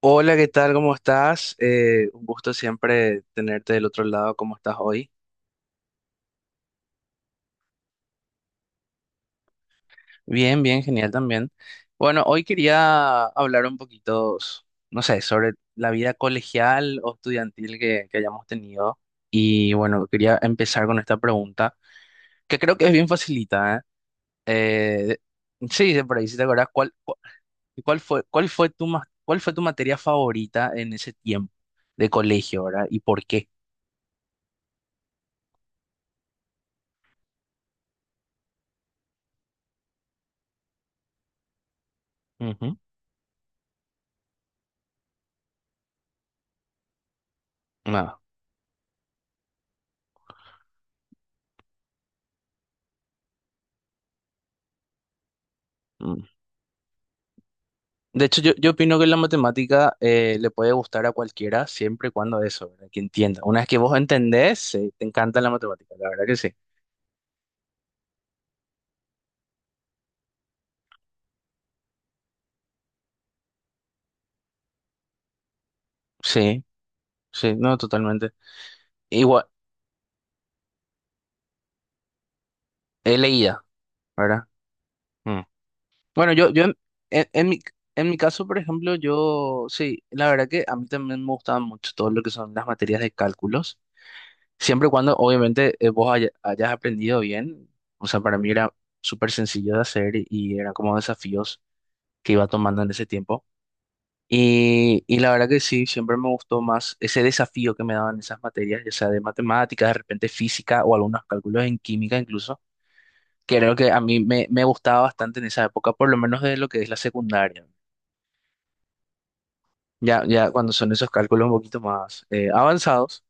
Hola, ¿qué tal? ¿Cómo estás? Un gusto siempre tenerte del otro lado. ¿Cómo estás hoy? Bien, bien, genial también. Bueno, hoy quería hablar un poquito, no sé, sobre la vida colegial o estudiantil que hayamos tenido. Y bueno, quería empezar con esta pregunta, que creo que es bien facilita, ¿eh? Eh, sí, de por ahí, si te acordás, ¿cuál, cu- cuál fue tu, ma- ¿cuál fue tu materia favorita en ese tiempo de colegio, ¿verdad? ¿Y por qué? Ujú. Ah, mm. De hecho, yo opino que la matemática le puede gustar a cualquiera siempre y cuando eso, ¿verdad? Que entienda. Una vez que vos entendés, sí, te encanta la matemática, la verdad que sí. Sí, sí, no, totalmente. Igual, he leído, ¿verdad? Mm. Bueno, yo en- en mi, en mi caso, por ejemplo, yo, sí, la verdad que a mí también me gustaban mucho todo lo que son las materias de cálculos, siempre y cuando, obviamente, hayas aprendido bien. O sea, para mí era súper sencillo de hacer y eran como desafíos que iba tomando en ese tiempo. Y la verdad que sí, siempre me gustó más ese desafío que me daban esas materias, ya sea de matemáticas, de repente física o algunos cálculos en química incluso, que era lo que a mí me gustaba bastante en esa época, por lo menos de lo que es la secundaria. Ya cuando son esos cálculos un poquito más avanzados.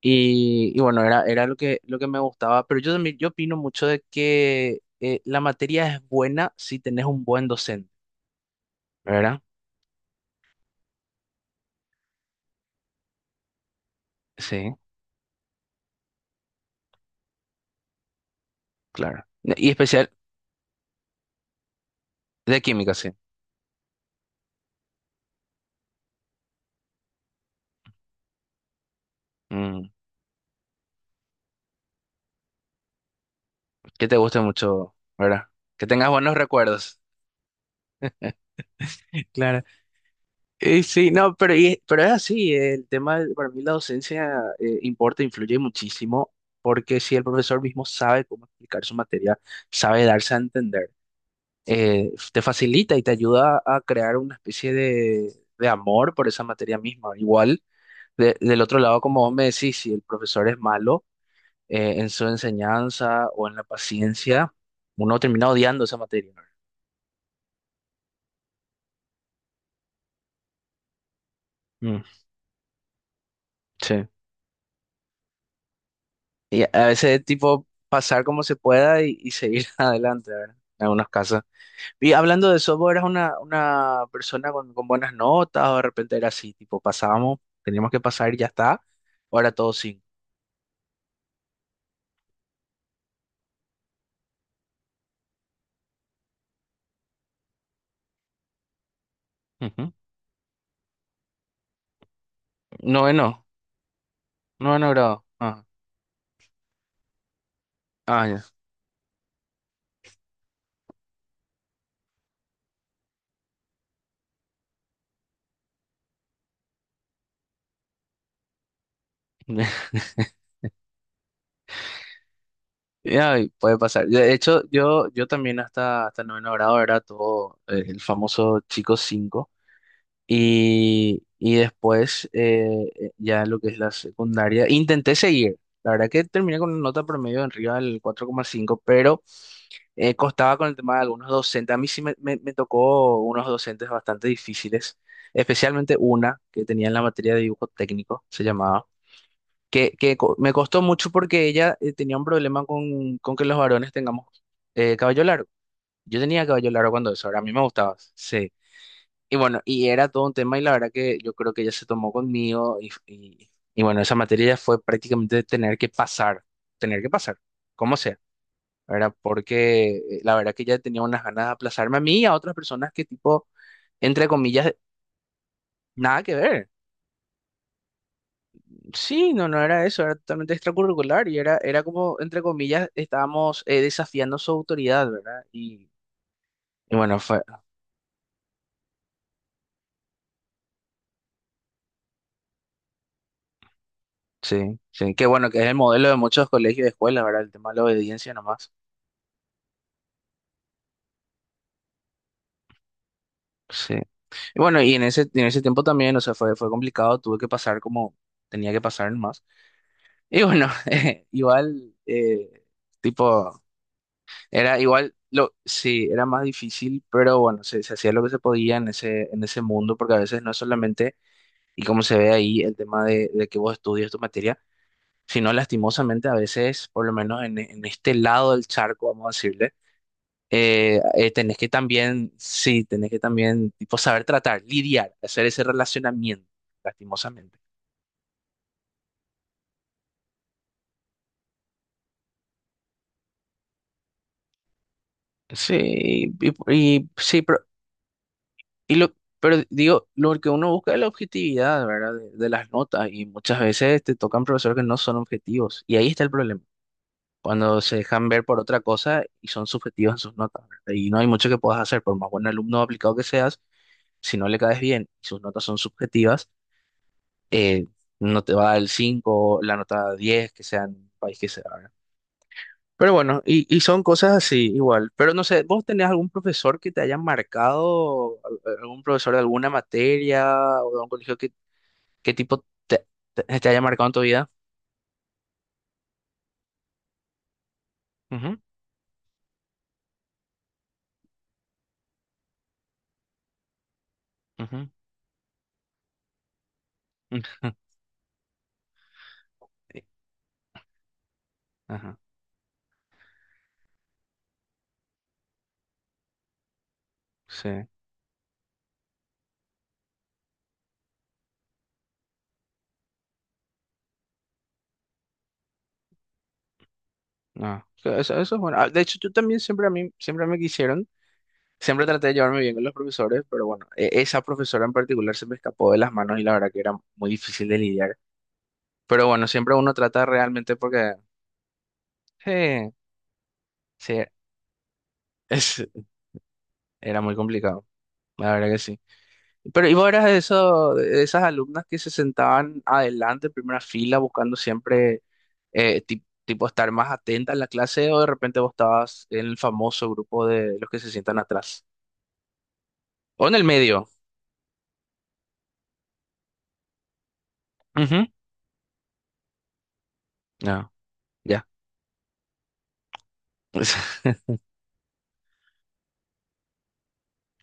Y bueno, era lo que me gustaba, pero yo también yo opino mucho de que la materia es buena si tenés un buen docente, ¿verdad? Sí, claro. Y especial de química, sí. Mm. Que te guste mucho, ¿verdad? Que tengas buenos recuerdos. Claro. Y sí, no, pero, pero es así, el tema, para mí la docencia importa, influye muchísimo, porque si el profesor mismo sabe cómo explicar su materia, sabe darse a entender, te facilita y te ayuda a crear una especie de amor por esa materia misma. Igual, del otro lado, como vos me decís, si el profesor es malo en su enseñanza o en la paciencia, uno termina odiando esa materia. Mm, sí. Y a veces tipo pasar como se pueda y seguir adelante, ¿verdad? En algunos casos. Y hablando de eso, ¿vos eras una persona con buenas notas o de repente era así, tipo pasábamos, teníamos que pasar y ya está? ¿O era todo cinco? Ujú. Noveno, noveno grado. Ah, ah, ya. Ya, y puede pasar. De hecho, yo también hasta, hasta noveno grado era todo el famoso chico cinco. Y después, ya lo que es la secundaria, intenté seguir. La verdad que terminé con una nota promedio en arriba del cuatro coma cinco, pero costaba con el tema de algunos docentes. A mí sí me tocó unos docentes bastante difíciles, especialmente una que tenía en la materia de dibujo técnico, se llamaba, que me costó mucho porque ella tenía un problema con que los varones tengamos cabello largo. Yo tenía cabello largo cuando eso, ahora a mí me gustaba, sí. Y bueno, y era todo un tema y la verdad que yo creo que ella se tomó conmigo y bueno, esa materia ya fue prácticamente tener que pasar, como sea, ¿verdad? Porque la verdad que ella tenía unas ganas de aplazarme a mí y a otras personas que tipo, entre comillas, nada que ver. Sí, no, no era eso, era totalmente extracurricular y era, era como, entre comillas, estábamos desafiando su autoridad, ¿verdad? Y bueno, fue, sí, sí, qué bueno que es el modelo de muchos colegios y escuelas, ¿verdad? El tema de la obediencia nomás. Sí. Y bueno, y en ese tiempo también, o sea, fue, fue complicado, tuve que pasar como tenía que pasar más. Y bueno, igual, tipo, era igual, lo, sí, era más difícil, pero bueno, se hacía lo que se podía en ese mundo, porque a veces no es solamente, y como se ve ahí, el tema de que vos estudias tu materia, sino lastimosamente a veces, por lo menos en este lado del charco, vamos a decirle tenés que también, sí, tenés que también, tipo, saber tratar, lidiar, hacer ese relacionamiento, lastimosamente. Sí, sí, pero, y lo, pero digo, lo que uno busca es la objetividad, ¿verdad? De las notas y muchas veces te tocan profesores que no son objetivos y ahí está el problema, cuando se dejan ver por otra cosa y son subjetivos en sus notas, ¿verdad? Y no hay mucho que puedas hacer, por más buen alumno aplicado que seas, si no le caes bien y sus notas son subjetivas, eh, no te va a dar el 5 la nota diez que sea en el país que sea, ¿verdad? Pero bueno, y son cosas así igual. Pero no sé, ¿vos tenés algún profesor que te haya marcado, algún profesor de alguna materia o de algún colegio que tipo te, te haya marcado en tu vida? Ujú, ujú. Sí, Ajá, sí, no, eso es bueno. Ah, de hecho, yo también siempre a mí, siempre me quisieron, siempre traté de llevarme bien con los profesores, pero bueno, esa profesora en particular se me escapó de las manos y la verdad que era muy difícil de lidiar. Pero bueno, siempre uno trata realmente porque eh, sí, es, era muy complicado, la verdad que sí. Pero ¿y vos eras de eso, de esas alumnas que se sentaban adelante, en primera fila, buscando siempre tipo estar más atenta en la clase o de repente vos estabas en el famoso grupo de los que se sientan atrás? ¿O en el medio? Ujú. No, ya.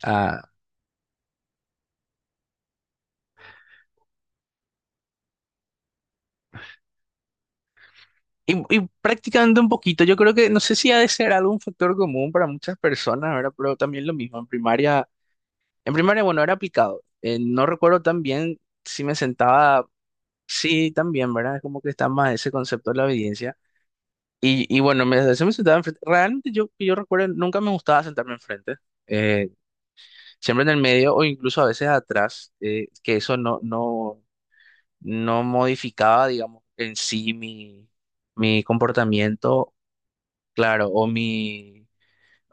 Ah, y practicando un poquito, yo creo que no sé si ha de ser algún factor común para muchas personas, ¿verdad? Pero también lo mismo, en primaria. En primaria, bueno, era aplicado. No recuerdo tan bien si me sentaba, sí, también, ¿verdad? Es como que está más ese concepto de la obediencia. Y bueno, me, se me sentaba enfrente. Realmente yo, que yo recuerdo, nunca me gustaba sentarme enfrente. Eh, Siempre en el medio o incluso a veces atrás, que eso no, no, no modificaba, digamos, en sí mi comportamiento, claro, o mi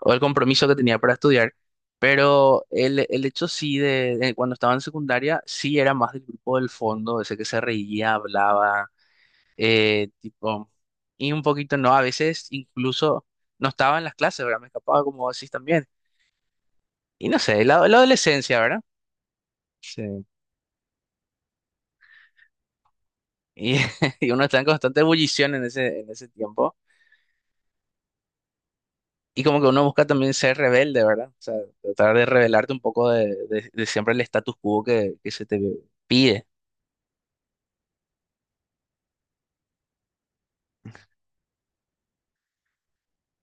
o el compromiso que tenía para estudiar, pero el hecho sí de cuando estaba en secundaria, sí era más del grupo del fondo, ese que se reía, hablaba, eh, tipo, y un poquito no, a veces incluso no estaba en las clases, ¿verdad? Me escapaba como así también. Y no sé, la adolescencia, ¿verdad? Sí. Y, y uno está en constante ebullición en ese tiempo. Y como que uno busca también ser rebelde, ¿verdad? O sea, tratar de rebelarte un poco de, de siempre el status quo que se te pide.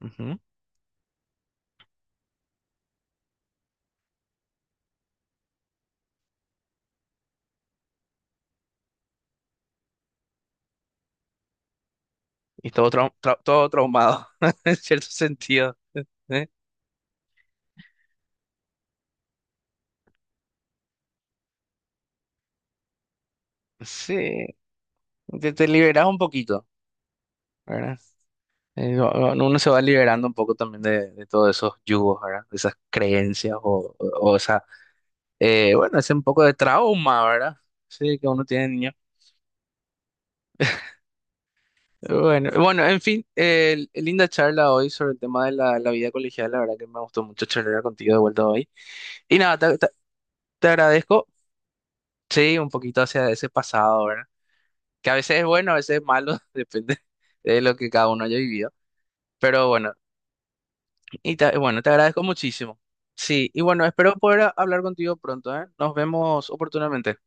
Ujú. Y todo, todo traumado, en cierto sentido. ¿Eh? Sí, te liberas un poquito, ¿verdad? Uno se va liberando un poco también de todos esos yugos, ¿verdad? De esas creencias o esa, bueno, ese un poco de trauma, ¿verdad? Sí, que uno tiene de niño. Bueno, bueno, en fin, linda charla hoy sobre el tema de la, la vida colegial. La verdad que me gustó mucho charlar contigo de vuelta hoy. Y nada, te agradezco, sí, un poquito hacia ese pasado, ¿verdad? Que a veces es bueno, a veces es malo, depende de lo que cada uno haya vivido. Pero bueno, bueno, te agradezco muchísimo. Sí, y bueno, espero poder hablar contigo pronto, ¿eh? Nos vemos oportunamente.